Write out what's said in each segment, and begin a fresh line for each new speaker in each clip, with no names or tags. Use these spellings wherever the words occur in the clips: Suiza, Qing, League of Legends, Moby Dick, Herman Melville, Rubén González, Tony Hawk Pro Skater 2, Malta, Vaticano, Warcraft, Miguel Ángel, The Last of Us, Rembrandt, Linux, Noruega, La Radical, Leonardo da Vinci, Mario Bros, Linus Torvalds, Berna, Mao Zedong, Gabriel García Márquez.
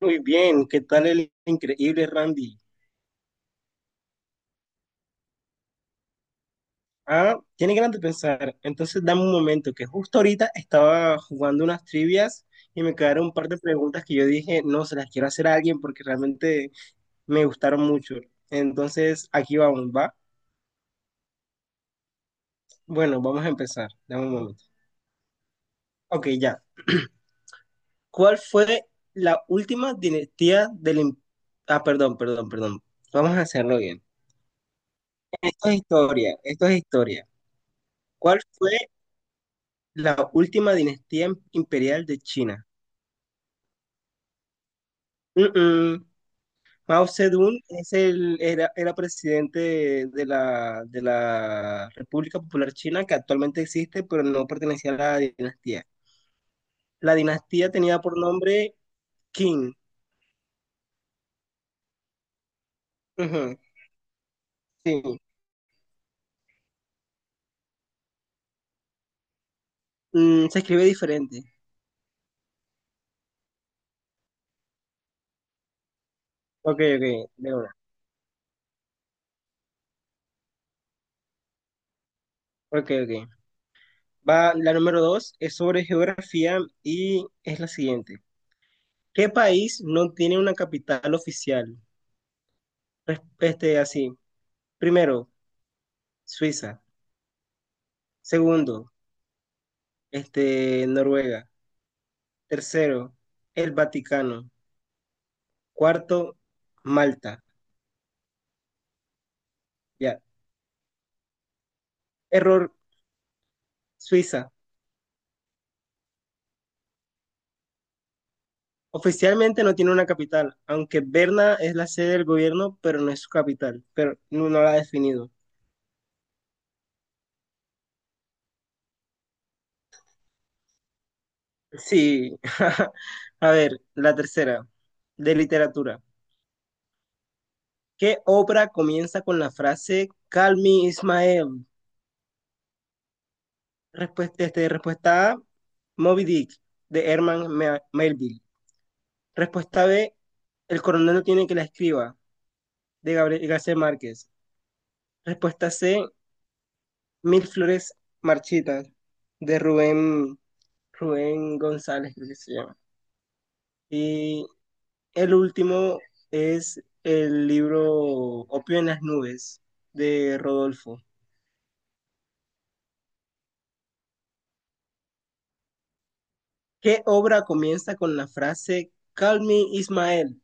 Muy bien, ¿qué tal el increíble Randy? Ah, tiene ganas de pensar. Entonces dame un momento, que justo ahorita estaba jugando unas trivias y me quedaron un par de preguntas que yo dije, no, se las quiero hacer a alguien porque realmente me gustaron mucho. Entonces aquí vamos, ¿va? Bueno, vamos a empezar. Dame un momento. Ok, ya. ¿Cuál fue la última dinastía Ah, perdón, perdón, perdón. Vamos a hacerlo bien. Esto es historia, esto es historia. ¿Cuál fue la última dinastía imperial de China? Mm, mm. Mao Zedong es el, era, era presidente de la República Popular China, que actualmente existe, pero no pertenecía a la dinastía. La dinastía tenía por nombre Qing. Ujú, sí. Mm, se escribe diferente. Ok, ok, de una. Ok, ok. Va, la número dos es sobre geografía y es la siguiente. ¿Qué país no tiene una capital oficial? Este, así. Primero, Suiza. Segundo, este, Noruega. Tercero, el Vaticano. Cuarto, Malta. Ya. Error, Suiza. Oficialmente no tiene una capital, aunque Berna es la sede del gobierno, pero no es su capital, pero no, no la ha definido. Sí. A ver, la tercera, de literatura. ¿Qué obra comienza con la frase Call me Ismael? Respuesta, este, respuesta A, Moby Dick, de Herman Melville. Respuesta B, El coronel no tiene que la escriba, de Gabriel García Márquez. Respuesta C, Mil flores marchitas, de Rubén González, creo que se llama. Y el último es el libro Opio en las nubes, de Rodolfo. ¿Qué obra comienza con la frase Call me Ismael?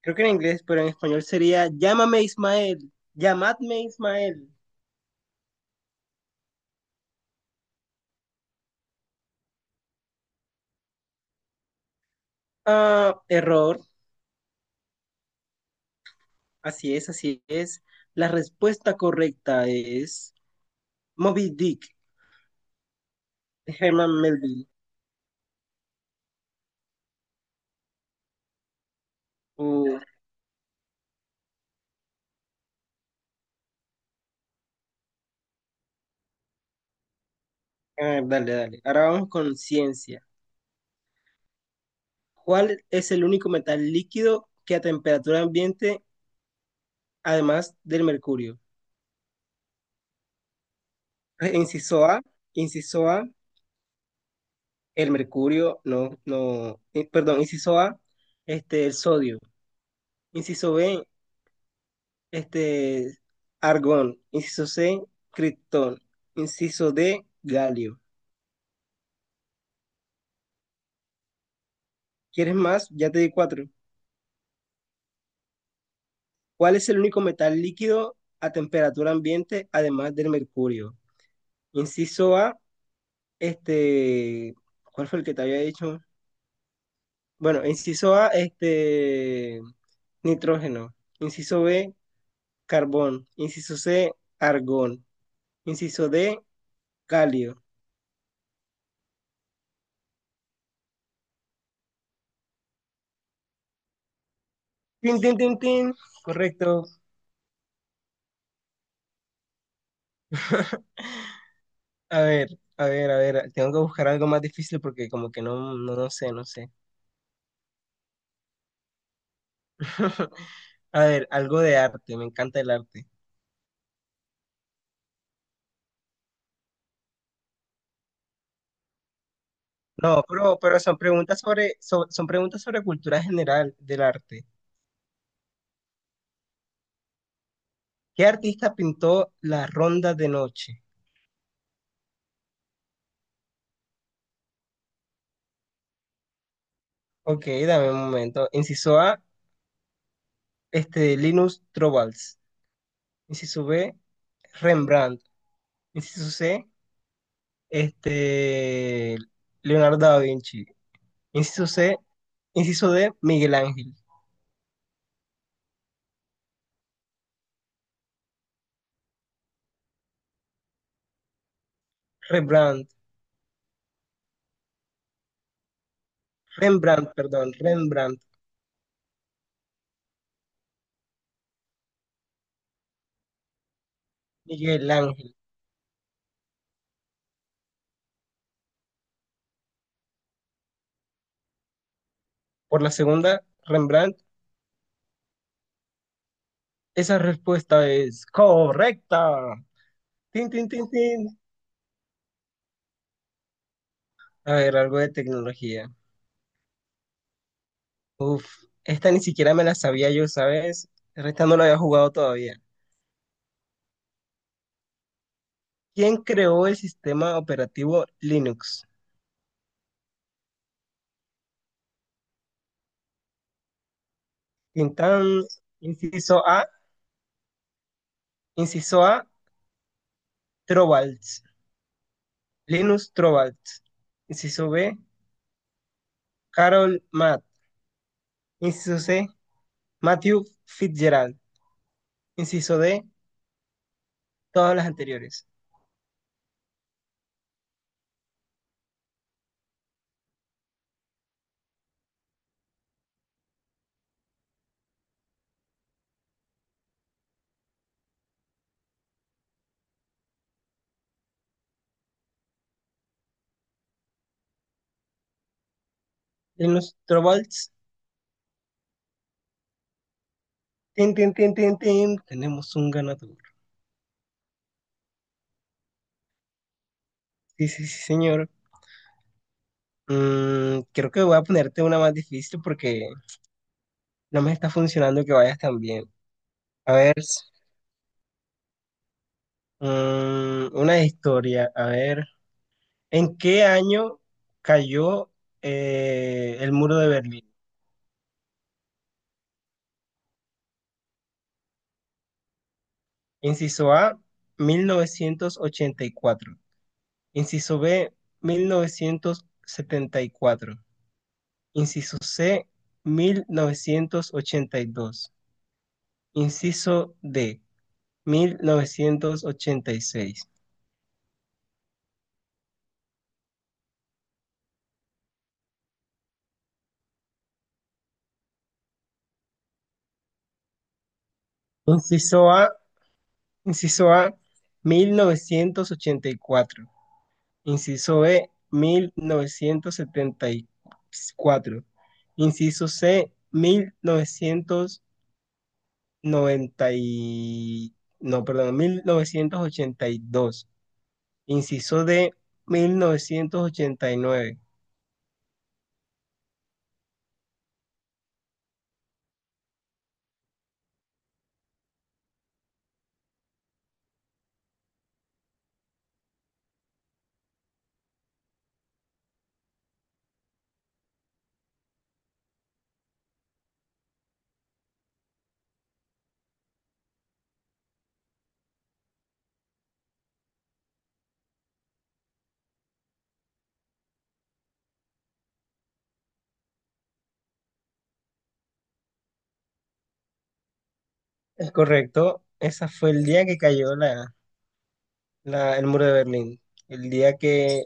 Creo que en inglés, pero en español sería Llámame Ismael, llamadme Ismael. Ah, error. Así es, así es. La respuesta correcta es Moby Dick, de Herman Melville. Uh, ah, dale, dale. Ahora vamos con ciencia. ¿Cuál es el único metal líquido que a temperatura ambiente, además del mercurio? Inciso A, inciso A, el mercurio, no, no, perdón, inciso A, este, el sodio. Inciso B, este, argón. Inciso C, criptón. Inciso D, galio. ¿Quieres más? Ya te di cuatro. ¿Cuál es el único metal líquido a temperatura ambiente además del mercurio? Inciso A, este, ¿cuál fue el que te había dicho? Bueno, inciso A, este, nitrógeno. Inciso B, carbón. Inciso C, argón. Inciso D, calio. Tin, tin, tin, tin. Correcto. A ver, a ver, a ver, tengo que buscar algo más difícil porque como que no, no, no sé, no sé. A ver, algo de arte, me encanta el arte. No, pero son preguntas sobre, son preguntas sobre cultura general del arte. ¿Qué artista pintó la Ronda de Noche? Ok, dame un momento. Inciso A, este, Linus Torvalds. Inciso B, Rembrandt. Inciso C, este, Leonardo da Vinci. Inciso C, inciso D, Miguel Ángel. Rembrandt, Rembrandt. Miguel Ángel. Por la segunda, Rembrandt. Esa respuesta es correcta. Tin, tin, tin, tin. A ver, algo de tecnología. Uf, esta ni siquiera me la sabía yo, ¿sabes? Esta no la había jugado todavía. ¿Quién creó el sistema operativo Linux? Tin, tan. Inciso A, inciso A, Trovalds. Linus Torvalds. Inciso B, Carol Matt. Inciso C, Matthew Fitzgerald. Inciso D, todas las anteriores. Linus Torvalds. Tin, tin, tin, tin, tin. Tenemos un ganador. Sí, sí, sí, señor. Mm, creo que voy a ponerte una más difícil porque no me está funcionando que vayas tan bien. A ver, una historia. A ver, ¿en qué año cayó el muro de Berlín? Inciso A, 1984. Inciso B, 1974. Inciso C, 1982. Inciso D, 1986. Inciso A, inciso A, mil novecientos ochenta y cuatro. Inciso B, mil novecientos setenta y cuatro. Inciso C, 1990 y- no, perdón, 1982. Inciso D, 1989. Es correcto. Esa fue el día que cayó el muro de Berlín. El día que...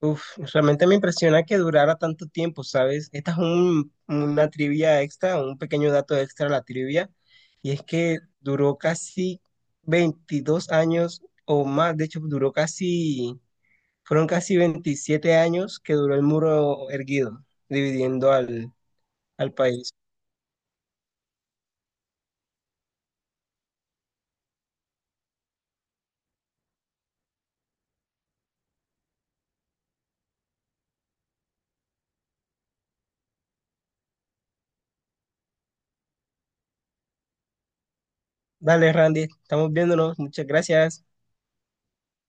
Uf, realmente me impresiona que durara tanto tiempo, ¿sabes? Esta es una trivia extra, un pequeño dato extra a la trivia, y es que duró casi 22 años o más, de hecho duró casi, fueron casi 27 años que duró el muro erguido, dividiendo al, al país. Dale, Randy, estamos viéndonos, muchas gracias.